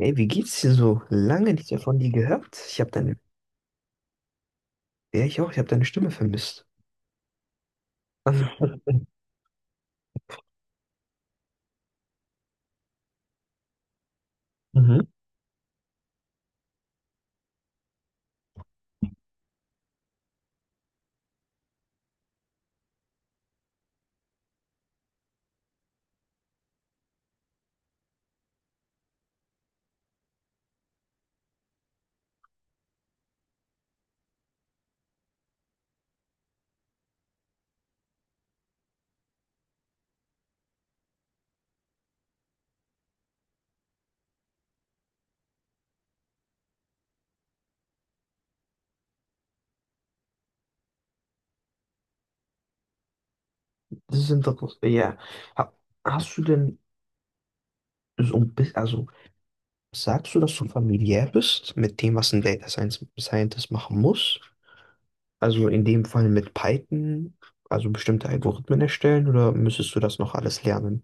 Ey, wie geht's dir so? Lange nicht mehr von dir gehört. Ich habe deine, ja, ich auch, ich habe deine Stimme vermisst. Mhm. Das ist interessant. Ja. Ha- Hast du denn so ein bisschen, also sagst du, dass du familiär bist mit dem, was ein Scientist machen muss? Also in dem Fall mit Python, also bestimmte Algorithmen erstellen oder müsstest du das noch alles lernen?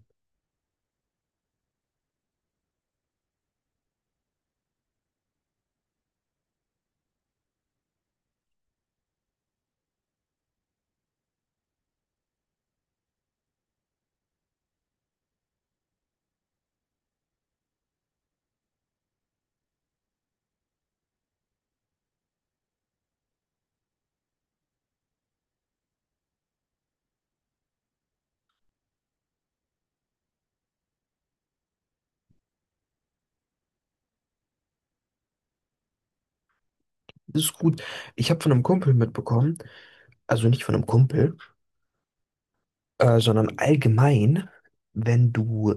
Das ist gut. Ich habe von einem Kumpel mitbekommen, also nicht von einem Kumpel, sondern allgemein, wenn du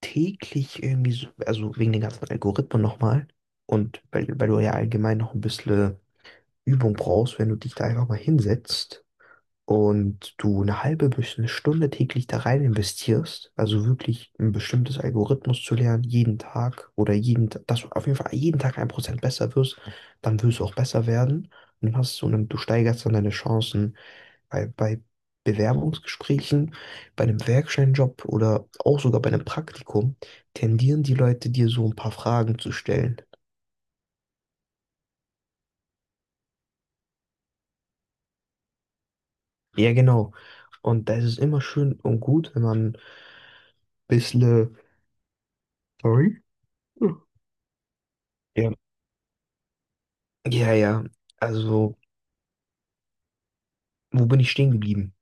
täglich irgendwie so, also wegen den ganzen Algorithmen nochmal und weil du ja allgemein noch ein bisschen Übung brauchst, wenn du dich da einfach mal hinsetzt und du eine halbe bis eine Stunde täglich da rein investierst, also wirklich ein bestimmtes Algorithmus zu lernen, jeden Tag oder dass du auf jeden Fall jeden Tag ein Prozent besser wirst, dann wirst du auch besser werden und dann hast du steigerst dann deine Chancen bei Bewerbungsgesprächen, bei einem Werkstudentenjob oder auch sogar bei einem Praktikum tendieren die Leute, dir so ein paar Fragen zu stellen. Ja, genau. Und da ist es immer schön und gut, wenn man ein bisschen... Sorry? Ja, ja, ja. Also, wo bin ich stehen geblieben?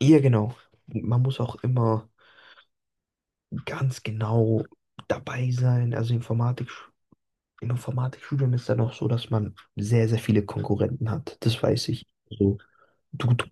Ja, genau. Man muss auch immer ganz genau dabei sein. Also Informatik, im Informatikstudium ist dann auch so, dass man sehr, sehr viele Konkurrenten hat. Das weiß ich. Also, du.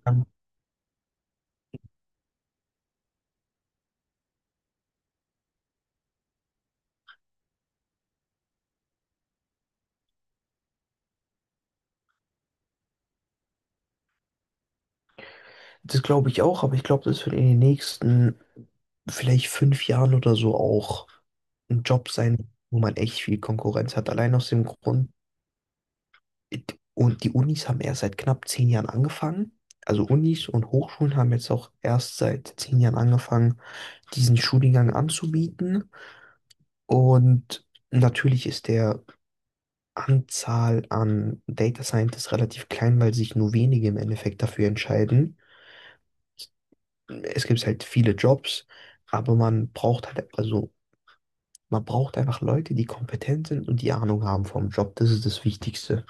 Das glaube ich auch, aber ich glaube, das wird in den nächsten vielleicht fünf Jahren oder so auch ein Job sein, wo man echt viel Konkurrenz hat. Allein aus dem Grund, und die Unis haben erst seit knapp zehn Jahren angefangen. Also Unis und Hochschulen haben jetzt auch erst seit zehn Jahren angefangen, diesen Studiengang anzubieten. Und natürlich ist der Anzahl an Data Scientists relativ klein, weil sich nur wenige im Endeffekt dafür entscheiden. Es gibt halt viele Jobs, aber man braucht halt, also man braucht einfach Leute, die kompetent sind und die Ahnung haben vom Job. Das ist das Wichtigste.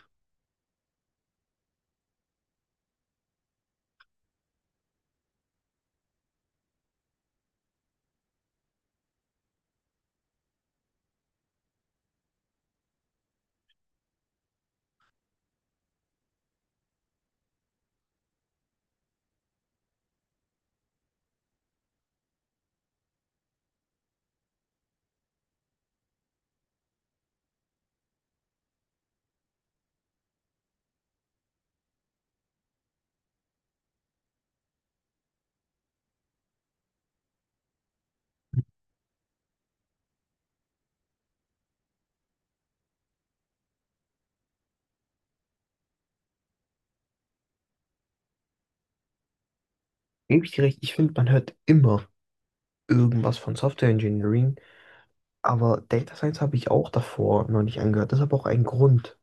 Gebe ich dir recht, ich finde, man hört immer irgendwas von Software Engineering, aber Data Science habe ich auch davor noch nicht angehört. Das ist aber auch ein Grund.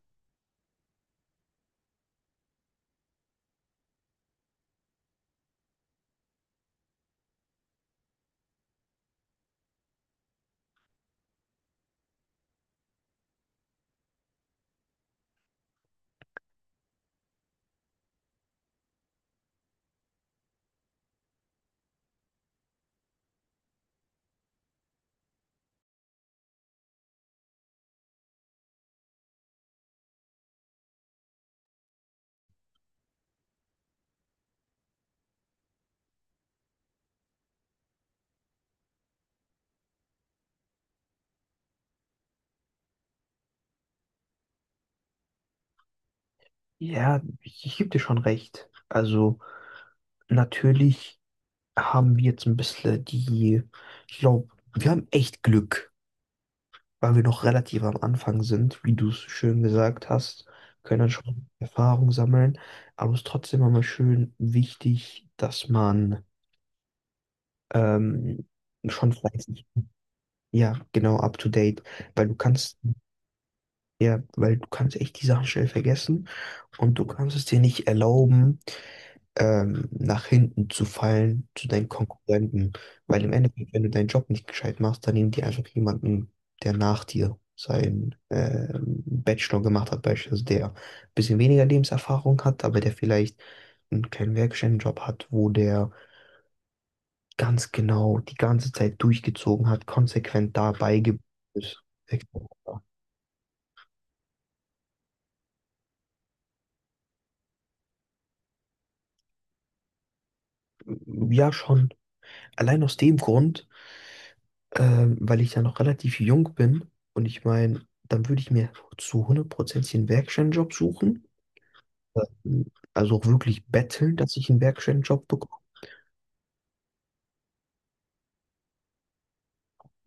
Ja, ich gebe dir schon recht. Also natürlich haben wir jetzt ein bisschen die, ich glaube, wir haben echt Glück, weil wir noch relativ am Anfang sind, wie du es schön gesagt hast, können dann schon Erfahrung sammeln. Aber es ist trotzdem immer schön wichtig, dass man ähm, schon fleißig, ja, genau, up to date, weil du ja, weil du kannst echt die Sachen schnell vergessen und du kannst es dir nicht erlauben, nach hinten zu fallen zu deinen Konkurrenten. Weil im Endeffekt, wenn du deinen Job nicht gescheit machst, dann nehmen die einfach jemanden, der nach dir seinen Bachelor gemacht hat, beispielsweise, der ein bisschen weniger Lebenserfahrung hat, aber der vielleicht einen kleinen Werkstättenjob hat, wo der ganz genau die ganze Zeit durchgezogen hat, konsequent dabei geblieben ist. Ja, schon. Allein aus dem Grund weil ich ja noch relativ jung bin und ich meine, dann würde ich mir zu hundert Prozent einen Werkstudentenjob suchen. Ähm, Also auch wirklich betteln, dass ich einen Werkstudentenjob bekomme.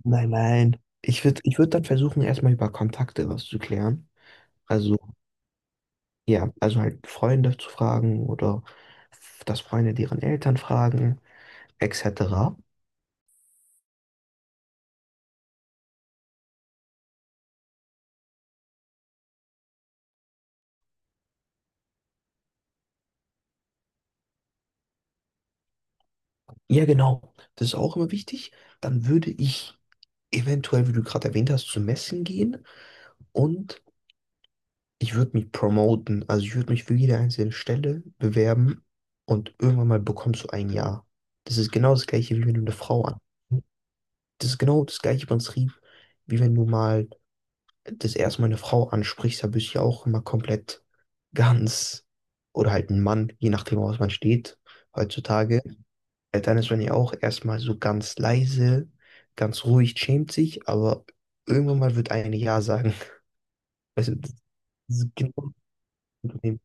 Nein, nein. Ich würd dann versuchen, erstmal über Kontakte was zu klären. Also, ja, also halt Freunde zu fragen oder dass Freunde deren Eltern fragen, etc. Ja, genau. Das ist auch immer wichtig. Dann würde ich eventuell, wie du gerade erwähnt hast, zu Messen gehen und ich würde mich promoten, also ich würde mich für jede einzelne Stelle bewerben und irgendwann mal bekommst du ein Ja. Das ist genau das gleiche, wie wenn du eine Frau an. Das ist genau das gleiche Prinzip, wie wenn du mal das erste Mal eine Frau ansprichst, da bist du ja auch immer komplett ganz oder halt ein Mann, je nachdem, woraus man steht heutzutage. Dann ist man ja auch erstmal so ganz leise, ganz ruhig, schämt sich, aber irgendwann mal wird eine Ja sagen. Also, das ist genau das Problem.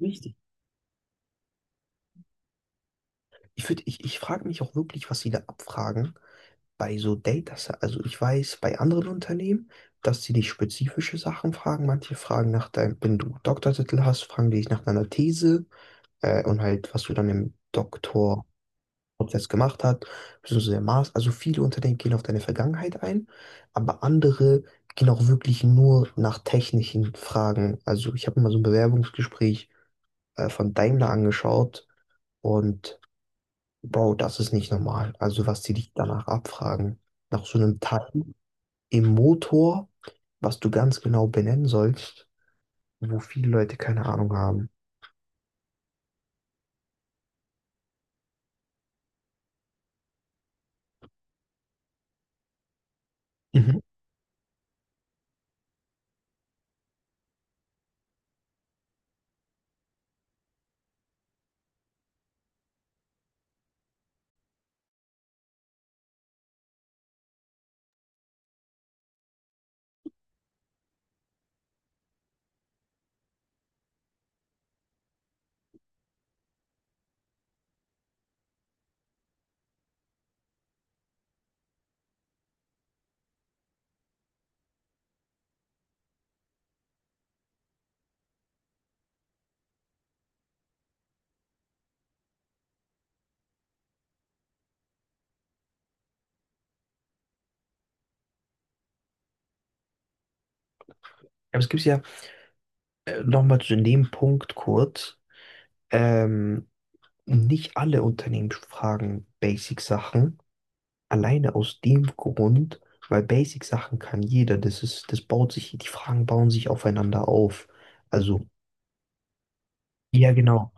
Richtig. Ich würde, ich frage mich auch wirklich, was sie da abfragen bei so Data Science. Also ich weiß bei anderen Unternehmen, dass sie dich spezifische Sachen fragen. Manche fragen nach deinem, wenn du Doktortitel hast, fragen die dich nach deiner These und halt, was du dann im Doktorprozess gemacht hast, beziehungsweise der Master. Also viele Unternehmen gehen auf deine Vergangenheit ein, aber andere gehen auch wirklich nur nach technischen Fragen. Also ich habe mir mal so ein Bewerbungsgespräch von Daimler angeschaut. Und Bro, das ist nicht normal. Also, was die dich danach abfragen, nach so einem Teil im Motor, was du ganz genau benennen sollst, wo viele Leute keine Ahnung haben. Mhm. Aber es gibt ja nochmal zu dem Punkt kurz, ähm, nicht alle Unternehmen fragen Basic-Sachen, alleine aus dem Grund, weil Basic-Sachen kann jeder. Das baut sich, die Fragen bauen sich aufeinander auf. Also ja, genau.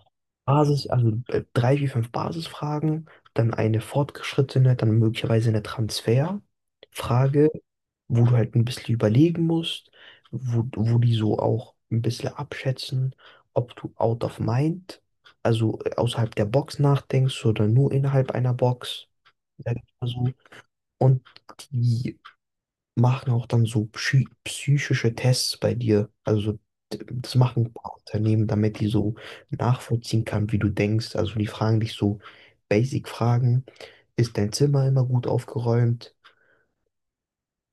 Basis, also drei wie fünf Basisfragen, dann eine fortgeschrittene, dann möglicherweise eine Transferfrage, wo du halt ein bisschen überlegen musst, wo die so auch ein bisschen abschätzen, ob du out of mind, also außerhalb der Box nachdenkst oder nur innerhalb einer Box, sag ich mal so. Und die machen auch dann so psychische Tests bei dir. Also so, das machen ein paar Unternehmen, damit die so nachvollziehen kann, wie du denkst. Also die fragen dich so Basic-Fragen. Ist dein Zimmer immer gut aufgeräumt?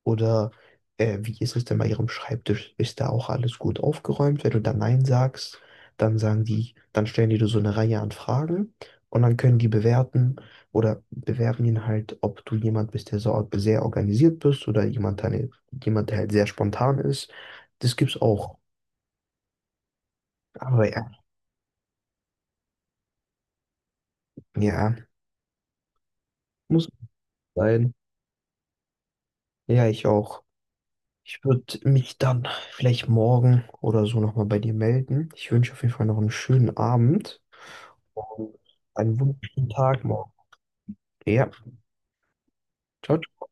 Oder wie ist es denn bei Ihrem Schreibtisch? Ist da auch alles gut aufgeräumt? Wenn du da Nein sagst, dann sagen die, dann stellen die dir so eine Reihe an Fragen und dann können die bewerten oder bewerten ihn halt, ob du jemand bist, der so, sehr organisiert bist oder jemand, der halt sehr spontan ist. Das gibt's auch. Aber ja, ja, muss sein. Ja, ich auch. Ich würde mich dann vielleicht morgen oder so nochmal bei dir melden. Ich wünsche auf jeden Fall noch einen schönen Abend. Und einen wunderschönen Tag morgen. Ja, ciao.